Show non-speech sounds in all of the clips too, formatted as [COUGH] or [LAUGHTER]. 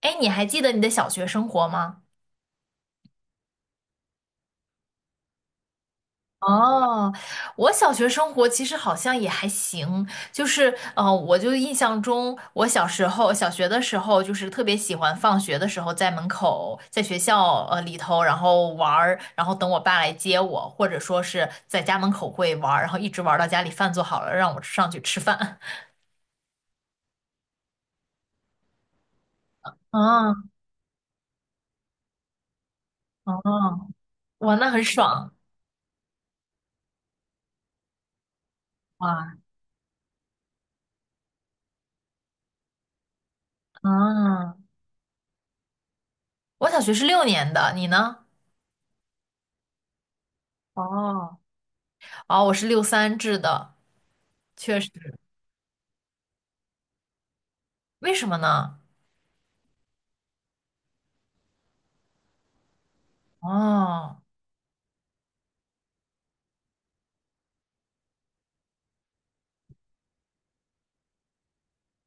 哎，你还记得你的小学生活吗？哦，我小学生活其实好像也还行，就是我就印象中，我小时候小学的时候，就是特别喜欢放学的时候在门口，在学校里头，然后玩儿，然后等我爸来接我，或者说是在家门口会玩儿，然后一直玩儿到家里饭做好了，让我上去吃饭。[LAUGHS] 啊哦，哇，那很爽哇！啊，我小学是六年的，你呢？哦哦，我是六三制的，确实。为什么呢？哦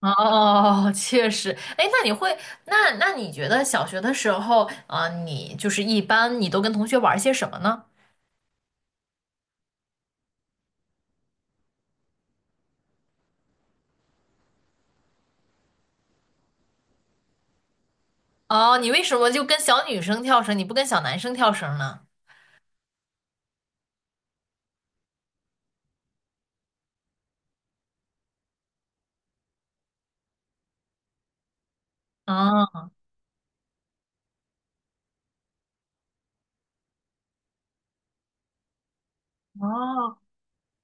哦，确实。哎，那你觉得小学的时候，啊、你就是一般你都跟同学玩些什么呢？哦，你为什么就跟小女生跳绳，你不跟小男生跳绳呢？哦哦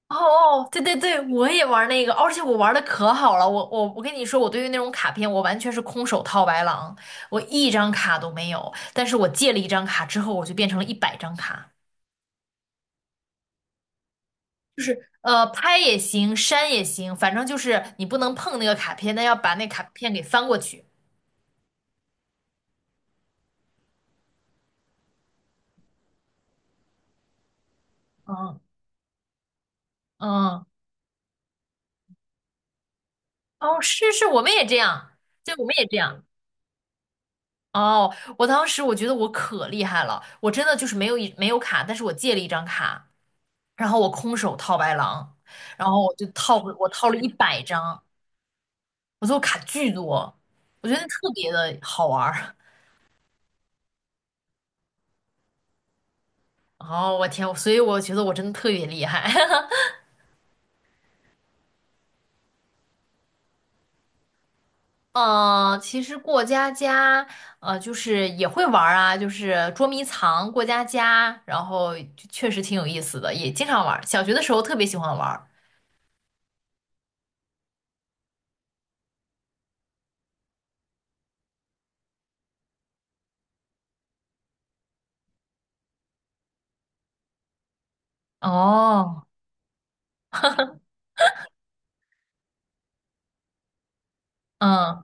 哦，对对对，我也玩那个，而且我玩的可好了。我跟你说，我对于那种卡片，我完全是空手套白狼，我一张卡都没有。但是我借了一张卡之后，我就变成了一百张卡。是，拍也行，删也行，反正就是你不能碰那个卡片，但要把那卡片给翻过去。嗯嗯，哦，是是，我们也这样，对，我们也这样。哦，我当时我觉得我可厉害了，我真的就是没有卡，但是我借了一张卡，然后我空手套白狼，然后我套了一百张，我最后卡巨多，我觉得特别的好玩儿。[LAUGHS] 哦，我天，所以我觉得我真的特别厉害。[LAUGHS] 嗯，其实过家家，就是也会玩儿啊，就是捉迷藏、过家家，然后就确实挺有意思的，也经常玩儿小学的时候特别喜欢玩儿哦，嗯，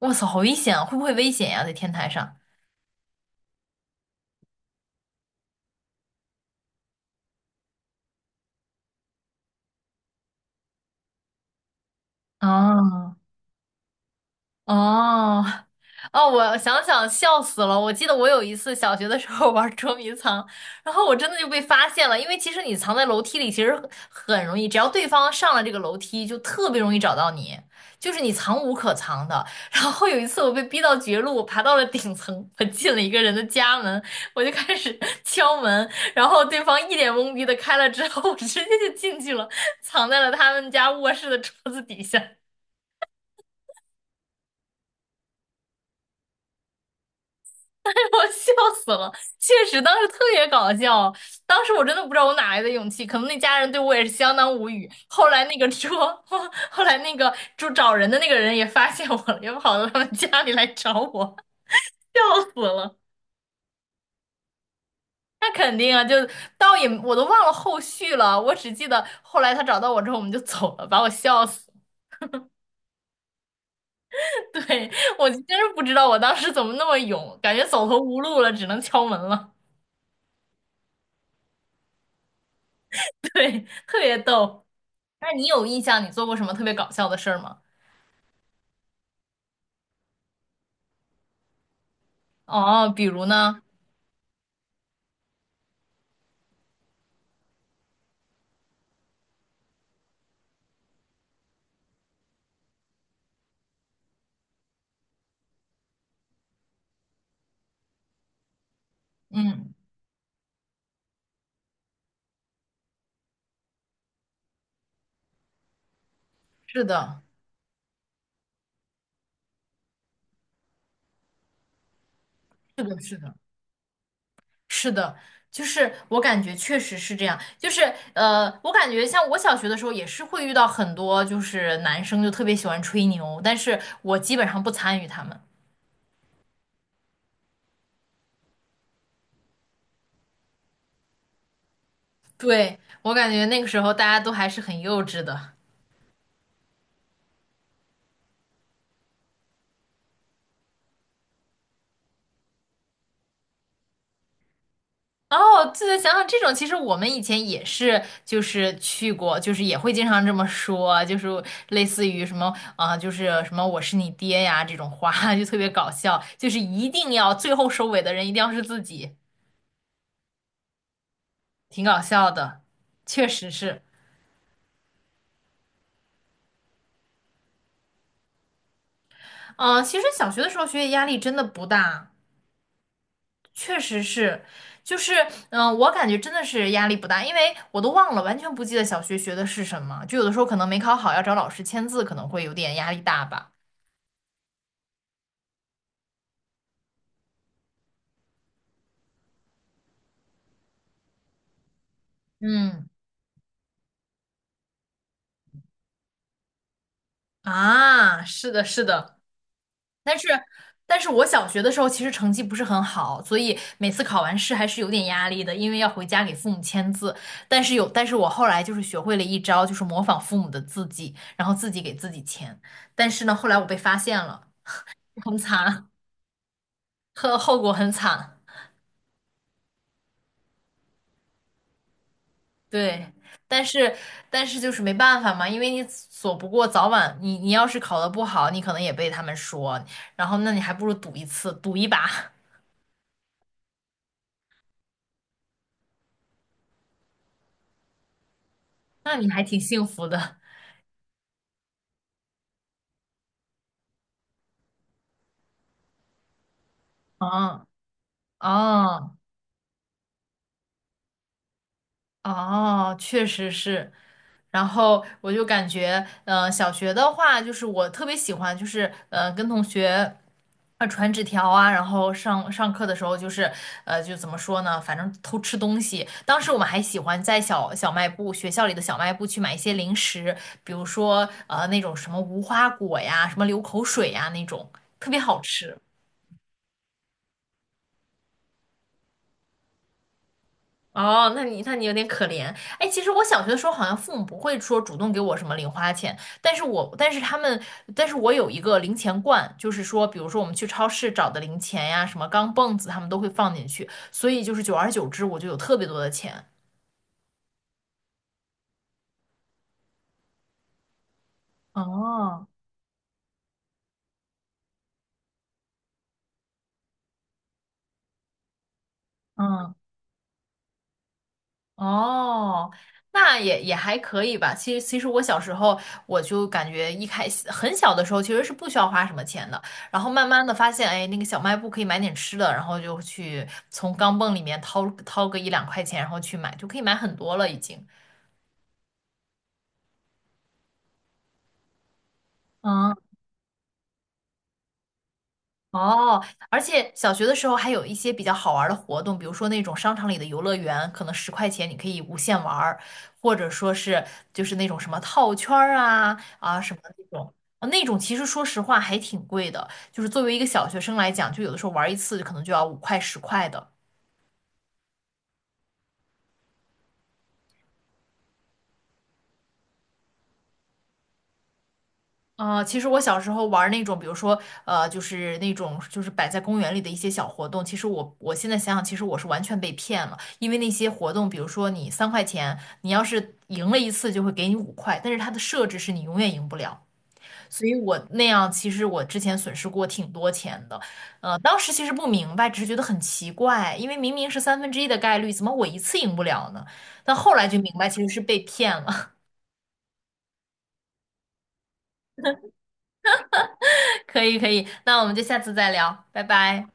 哇塞，好危险啊！会不会危险呀、在天台上？哦。哦，哦，我想想笑死了。我记得我有一次小学的时候 [LAUGHS] 玩捉迷藏，然后我真的就被发现了。因为其实你藏在楼梯里，其实很很容易，只要对方上了这个楼梯，就特别容易找到你，就是你藏无可藏的。然后有一次我被逼到绝路，我爬到了顶层，我进了一个人的家门，我就开始 [LAUGHS] 敲门，然后对方一脸懵逼的开了之后，我直接就进去了，藏在了他们家卧室的桌子底下。[LAUGHS] 我笑死了，确实当时特别搞笑，当时我真的不知道我哪来的勇气，可能那家人对我也是相当无语。后来那个说，[LAUGHS] 后来那个就找人的那个人也发现我了，也跑到他们家里来找我，[LAUGHS] 笑死了。那肯定啊，倒也我都忘了后续了，我只记得后来他找到我之后我们就走了，把我笑死。[LAUGHS] 对，我真是不知道我当时怎么那么勇，感觉走投无路了，只能敲门了。[LAUGHS] 对，特别逗。那你有印象你做过什么特别搞笑的事儿吗？哦，比如呢？嗯，是的，是的，是的，是的，就是我感觉确实是这样。我感觉像我小学的时候也是会遇到很多，就是男生就特别喜欢吹牛，但是我基本上不参与他们。对，我感觉那个时候大家都还是很幼稚的。哦，这个想想这种，其实我们以前也是，就是去过，就是也会经常这么说，就是类似于什么啊、就是什么我是你爹呀这种话，[LAUGHS] 就特别搞笑，就是一定要最后收尾的人一定要是自己，挺搞笑的，确实是。嗯、其实小学的时候学业压力真的不大，确实是，就是嗯、我感觉真的是压力不大，因为我都忘了，完全不记得小学学的是什么，就有的时候可能没考好，要找老师签字，可能会有点压力大吧。嗯。啊，是的，是的，但是，但是我小学的时候其实成绩不是很好，所以每次考完试还是有点压力的，因为要回家给父母签字。但是我后来就是学会了一招，就是模仿父母的字迹，然后自己给自己签。但是呢，后来我被发现了，很惨，[LAUGHS] 后果很惨。对，但是但是就是没办法嘛，因为你躲不过，早晚你要是考得不好，你可能也被他们说，然后那你还不如赌一次，赌一把。那你还挺幸福的。嗯，哦，哦，确实是。然后我就感觉，小学的话，就是我特别喜欢，跟同学啊传纸条啊，然后上课的时候，就怎么说呢，反正偷吃东西。当时我们还喜欢在小卖部，学校里的小卖部去买一些零食，比如说那种什么无花果呀，什么流口水呀那种，特别好吃。哦，那你有点可怜。哎，其实我小学的时候好像父母不会说主动给我什么零花钱，但是我但是他们但是我有一个零钱罐，就是说，比如说我们去超市找的零钱呀，什么钢镚子，他们都会放进去，所以就是久而久之我就有特别多的钱。哦，嗯。哦，那也也还可以吧。其实我小时候我就感觉一开始很小的时候其实是不需要花什么钱的，然后慢慢的发现，哎，那个小卖部可以买点吃的，然后就去从钢镚里面掏个一两块钱，然后去买，就可以买很多了已经。嗯。哦，而且小学的时候还有一些比较好玩儿的活动，比如说那种商场里的游乐园，可能十块钱你可以无限玩儿，或者说是就是那种什么套圈儿啊什么那种，啊那种其实说实话还挺贵的，就是作为一个小学生来讲，就有的时候玩儿一次可能就要五块十块的。其实我小时候玩儿那种，比如说，就是那种就是摆在公园里的一些小活动，其实我我现在想想，其实我是完全被骗了，因为那些活动，比如说你三块钱，你要是赢了一次就会给你五块，但是它的设置是你永远赢不了，所以我那样其实我之前损失过挺多钱的，当时其实不明白，只是觉得很奇怪，因为明明是三分之一的概率，怎么我一次赢不了呢？但后来就明白其实是被骗了，[LAUGHS] 可以可以，那我们就下次再聊，拜拜。